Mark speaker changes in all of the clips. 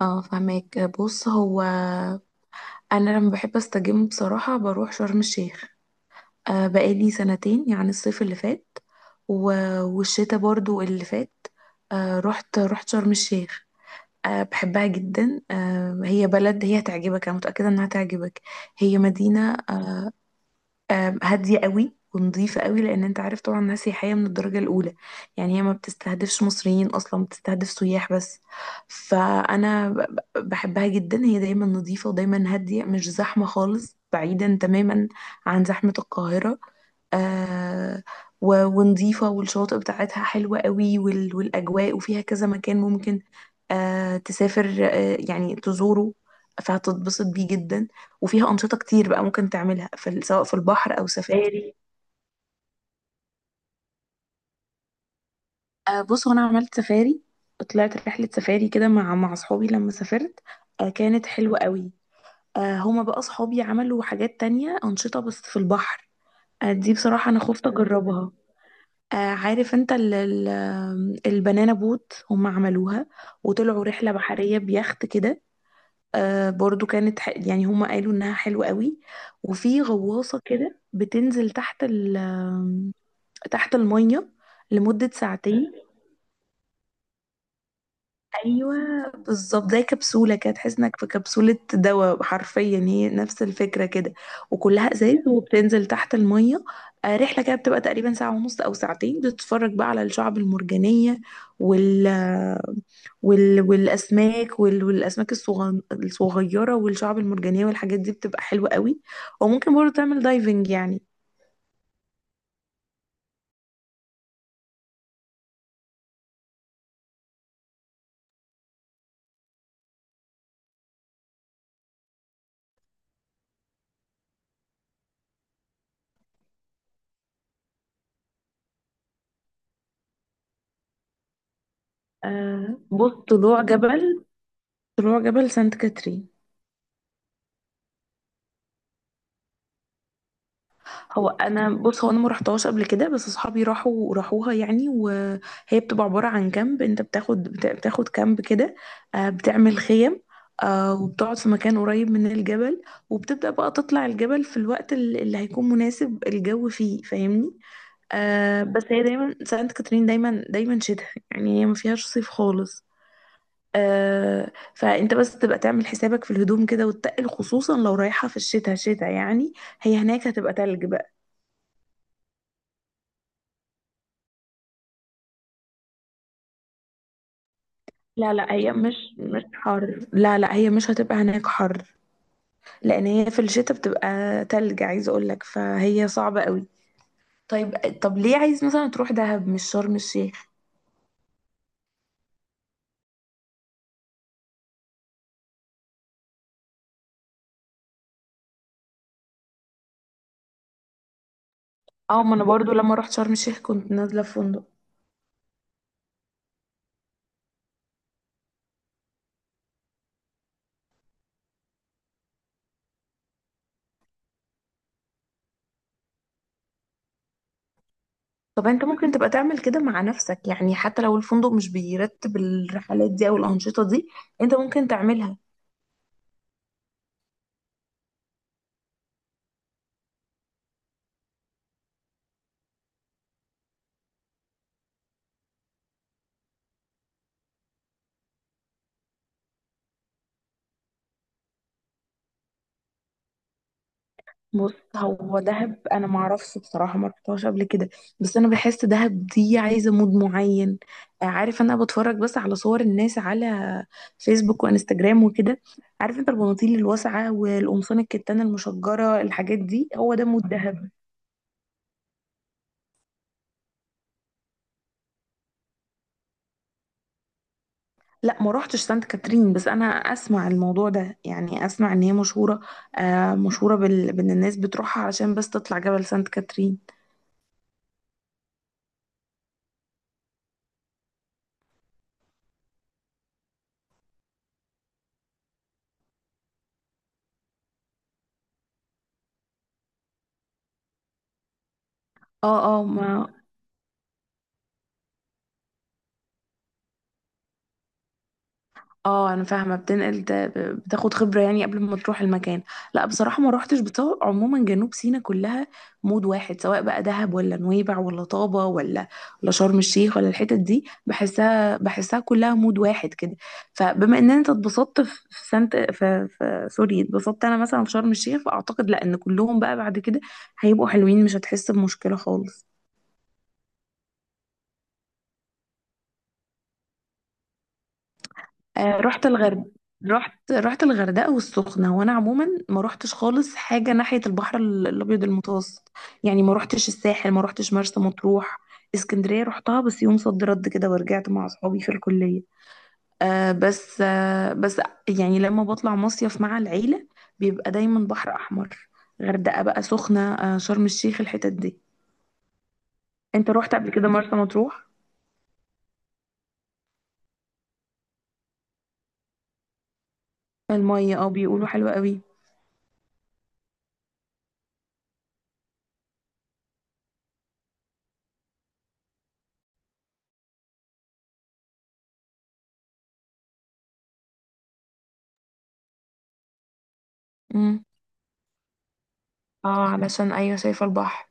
Speaker 1: اه فهماك، بص، هو انا لما بحب استجم بصراحة بروح شرم الشيخ. بقالي سنتين، يعني الصيف اللي فات والشتاء برضو اللي فات. رحت شرم الشيخ. بحبها جدا. آه، هي بلد، هي هتعجبك، انا متأكدة انها هتعجبك. هي مدينة هادية قوي ونظيفة قوي، لأن أنت عارف طبعا، ناس سياحية من الدرجة الأولى. يعني هي ما بتستهدفش مصريين أصلا، بتستهدف سياح بس. فأنا بحبها جدا، هي دايما نظيفة ودايما هادية، مش زحمة خالص، بعيدا تماما عن زحمة القاهرة. آه، ونضيفة، والشواطئ بتاعتها حلوة قوي، والأجواء، وفيها كذا مكان ممكن تسافر، يعني تزوره، فهتتبسط بيه جدا. وفيها أنشطة كتير بقى ممكن تعملها سواء في البحر أو سفاري. بص، هو انا عملت سفاري، طلعت رحله سفاري كده مع اصحابي لما سافرت. كانت حلوه قوي. هما بقى اصحابي عملوا حاجات تانية، انشطه بس في البحر. دي بصراحه انا خفت اجربها. عارف انت، ال البنانا بوت هما عملوها، وطلعوا رحله بحريه بيخت كده. برضو كانت يعني هما قالوا انها حلوه قوي. وفي غواصه كده بتنزل تحت المية لمدة ساعتين. ايوه بالظبط، زي كبسولة كده، تحس انك في كبسولة دواء، حرفيا هي نفس الفكرة كده، وكلها ازاز وبتنزل تحت المية. رحلة كده بتبقى تقريبا ساعة ونص او ساعتين، بتتفرج بقى على الشعب المرجانية، وال والاسماك، والاسماك الصغيره والشعاب المرجانيه والحاجات دي بتبقى حلوه قوي. وممكن برضه تعمل دايفنج يعني. بص، طلوع جبل سانت كاترين. هو انا، بص، هو انا ما رحتهاش قبل كده، بس اصحابي راحوا راحوها يعني، وهي بتبقى عباره عن كامب، انت بتاخد بتاخد كامب كده. بتعمل خيم، وبتقعد في مكان قريب من الجبل. وبتبدا بقى تطلع الجبل في الوقت اللي هيكون مناسب، الجو فيه فاهمني. بس هي دايما، سانت كاترين دايما شتاء، يعني هي ما فيهاش صيف خالص. فانت بس تبقى تعمل حسابك في الهدوم كده وتتقل، خصوصا لو رايحه في الشتاء، شتاء يعني هي هناك هتبقى تلج. لا، لا، هي مش حر، لا، لا، هي مش هتبقى هناك حر، لان هي في الشتاء بتبقى تلج، عايزه اقول لك، فهي صعبه قوي. طيب. طب ليه عايز مثلا تروح دهب مش شرم الشيخ؟ اه، ما انا برضو لما رحت شرم الشيخ كنت نازله في فندق. طب انت ممكن تبقى تعمل كده مع نفسك، يعني حتى لو الفندق مش بيرتب الرحلات دي او الانشطه دي، انت ممكن تعملها. بص، هو دهب انا ما اعرفش بصراحه، ما رحتهاش قبل كده، بس انا بحس دهب دي عايزه مود معين. عارف، انا بتفرج بس على صور الناس على فيسبوك وانستجرام وكده. عارف انت، البناطيل الواسعه والقمصان الكتان المشجره، الحاجات دي هو ده مود دهب. لا، ما روحتش سانت كاترين، بس انا اسمع الموضوع ده، يعني اسمع ان هي مشهوره. مشهوره بان الناس بتروحها علشان بس تطلع جبل سانت كاترين. اه، اه، ما اه انا فاهمه، بتاخد خبره يعني قبل ما تروح المكان. لا بصراحه ما روحتش بطول، عموما جنوب سيناء كلها مود واحد، سواء بقى دهب ولا نويبع ولا طابه ولا شرم الشيخ ولا الحتت دي، بحسها كلها مود واحد كده. فبما ان انت اتبسطت في سانت، في سوري، اتبسطت انا مثلا في شرم الشيخ، فاعتقد لا، ان كلهم بقى بعد كده هيبقوا حلوين، مش هتحس بمشكله خالص. رحت الغرب، رحت الغردقة والسخنة، وانا عموما ما رحتش خالص حاجة ناحية البحر الابيض المتوسط، يعني ما رحتش الساحل، ما رحتش مرسى مطروح. اسكندرية رحتها بس يوم صد رد كده، ورجعت مع اصحابي في الكلية. بس يعني لما بطلع مصيف مع العيلة، بيبقى دايما بحر احمر. غردقة بقى، سخنة، آه شرم الشيخ، الحتت دي. انت رحت قبل كده مرسى مطروح؟ المية، اه بيقولوا حلوة قوي. امم اه علشان، ايوه شايفة البحر.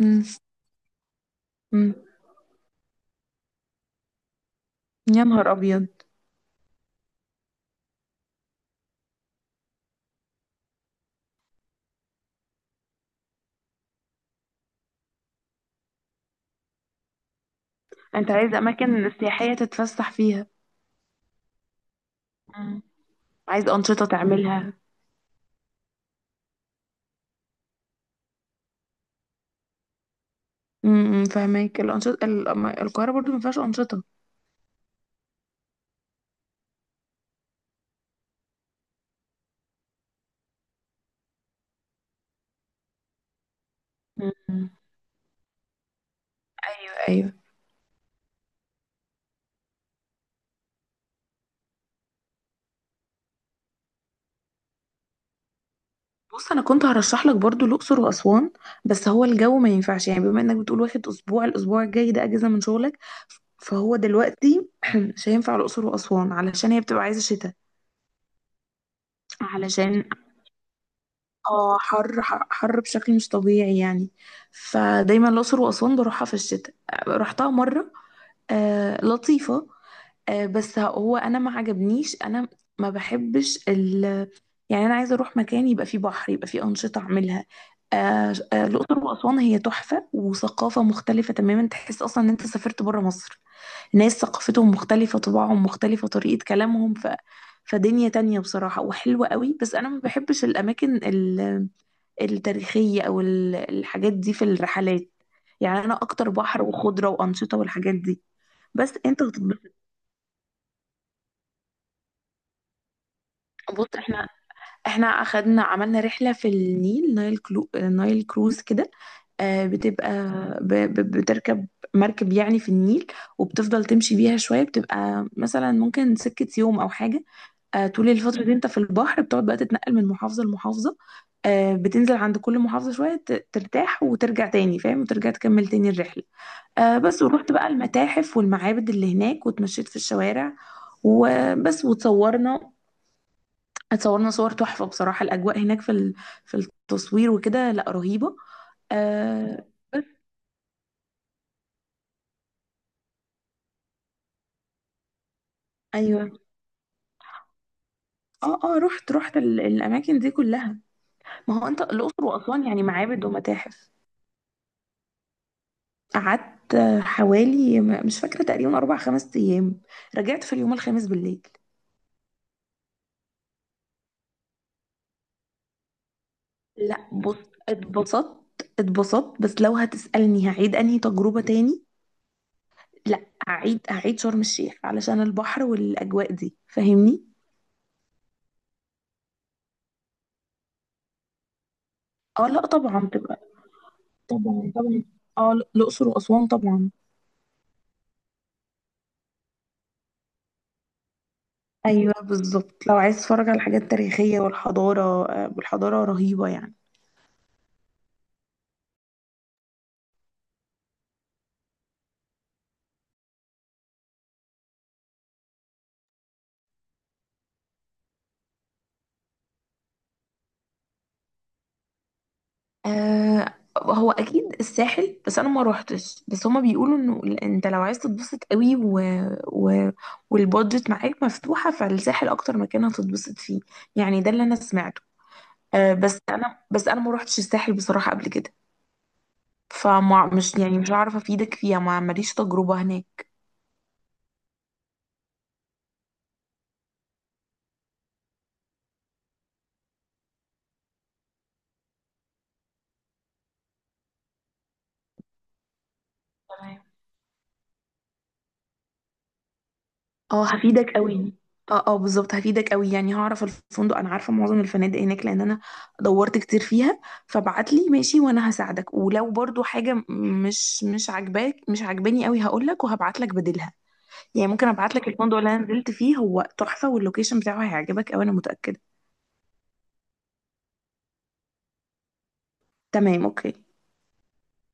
Speaker 1: امم يا نهار أبيض. أنت عايز أماكن سياحية تتفسح فيها. مم. عايز أنشطة تعملها. فاهمك، الأنشطة أما القاهرة برضو ما فيهاش أنشطة. مم. ايوه، ايوه، بص انا كنت هرشح لك برضو الاقصر واسوان. بس هو الجو ما ينفعش، يعني بما انك بتقول واخد اسبوع، الاسبوع الجاي ده اجازه من شغلك، فهو دلوقتي مش هينفع الاقصر واسوان، علشان هي بتبقى عايزه شتاء. علشان، اه حر، حر، حر بشكل مش طبيعي يعني. فدايما الأقصر وأسوان بروحها في الشتاء، رحتها مرة. آه لطيفة. بس هو انا ما عجبنيش انا، ما بحبش يعني انا عايزه اروح مكان يبقى فيه بحر، يبقى فيه انشطه اعملها. الاقصر واسوان هي تحفه وثقافه مختلفه تماما، تحس اصلا ان انت سافرت بره مصر. ناس ثقافتهم مختلفه، طباعهم مختلفه، طريقه كلامهم، فدنيا تانية بصراحة وحلوة قوي. بس أنا ما بحبش الأماكن التاريخية أو الحاجات دي في الرحلات، يعني أنا أكتر بحر وخضرة وأنشطة والحاجات دي. بس أنت هتتبسط. بص، احنا اخدنا، عملنا رحلة في النيل، نايل كروز كده. بتبقى بتركب مركب يعني في النيل. وبتفضل تمشي بيها شوية، بتبقى مثلا ممكن سكة يوم أو حاجة. طول الفترة دي أنت في البحر، بتقعد بقى تتنقل من محافظة لمحافظة. بتنزل عند كل محافظة شوية، ترتاح وترجع تاني فاهم، وترجع تكمل تاني الرحلة. بس ورحت بقى المتاحف والمعابد اللي هناك، واتمشيت في الشوارع وبس، اتصورنا صور تحفة بصراحة، الأجواء هناك في التصوير وكده، لا رهيبة. آه بس، أيوه. اه رحت الأماكن دي كلها. ما هو أنت، الأقصر وأسوان يعني معابد ومتاحف، قعدت حوالي مش فاكرة تقريبا أربع خمس أيام، رجعت في اليوم الخامس بالليل. لا بص، اتبسطت، اتبسطت بس لو هتسألني هعيد أنهي تجربة تاني، لا، هعيد شرم الشيخ علشان البحر والأجواء دي، فاهمني؟ اه لا طبعا، تبقى طبعا، طبعا، اه الأقصر وأسوان طبعا. ايوه بالظبط، لو عايز تتفرج على الحاجات التاريخية والحضارة، والحضارة رهيبة يعني. آه هو اكيد الساحل، بس انا ما روحتش، بس هما بيقولوا انه انت لو عايز تتبسط قوي و... والبادجت معاك مفتوحة، فالساحل اكتر مكان هتتبسط فيه، يعني ده اللي انا سمعته. آه بس انا بس انا ما روحتش الساحل بصراحة قبل كده، فمش يعني مش هعرف افيدك فيها، ما ماليش تجربة هناك. اه هفيدك قوي، اه بالظبط هفيدك قوي، يعني هعرف الفندق، انا عارفه معظم الفنادق هناك، لان انا دورت كتير فيها. فبعت لي، ماشي، وانا هساعدك، ولو برضو حاجه مش عاجباك، مش عاجباني قوي هقول لك، وهبعت لك بديلها. يعني ممكن ابعت لك الفندق اللي انا نزلت فيه، هو تحفه، واللوكيشن بتاعه هيعجبك قوي انا متاكده. تمام، اوكي.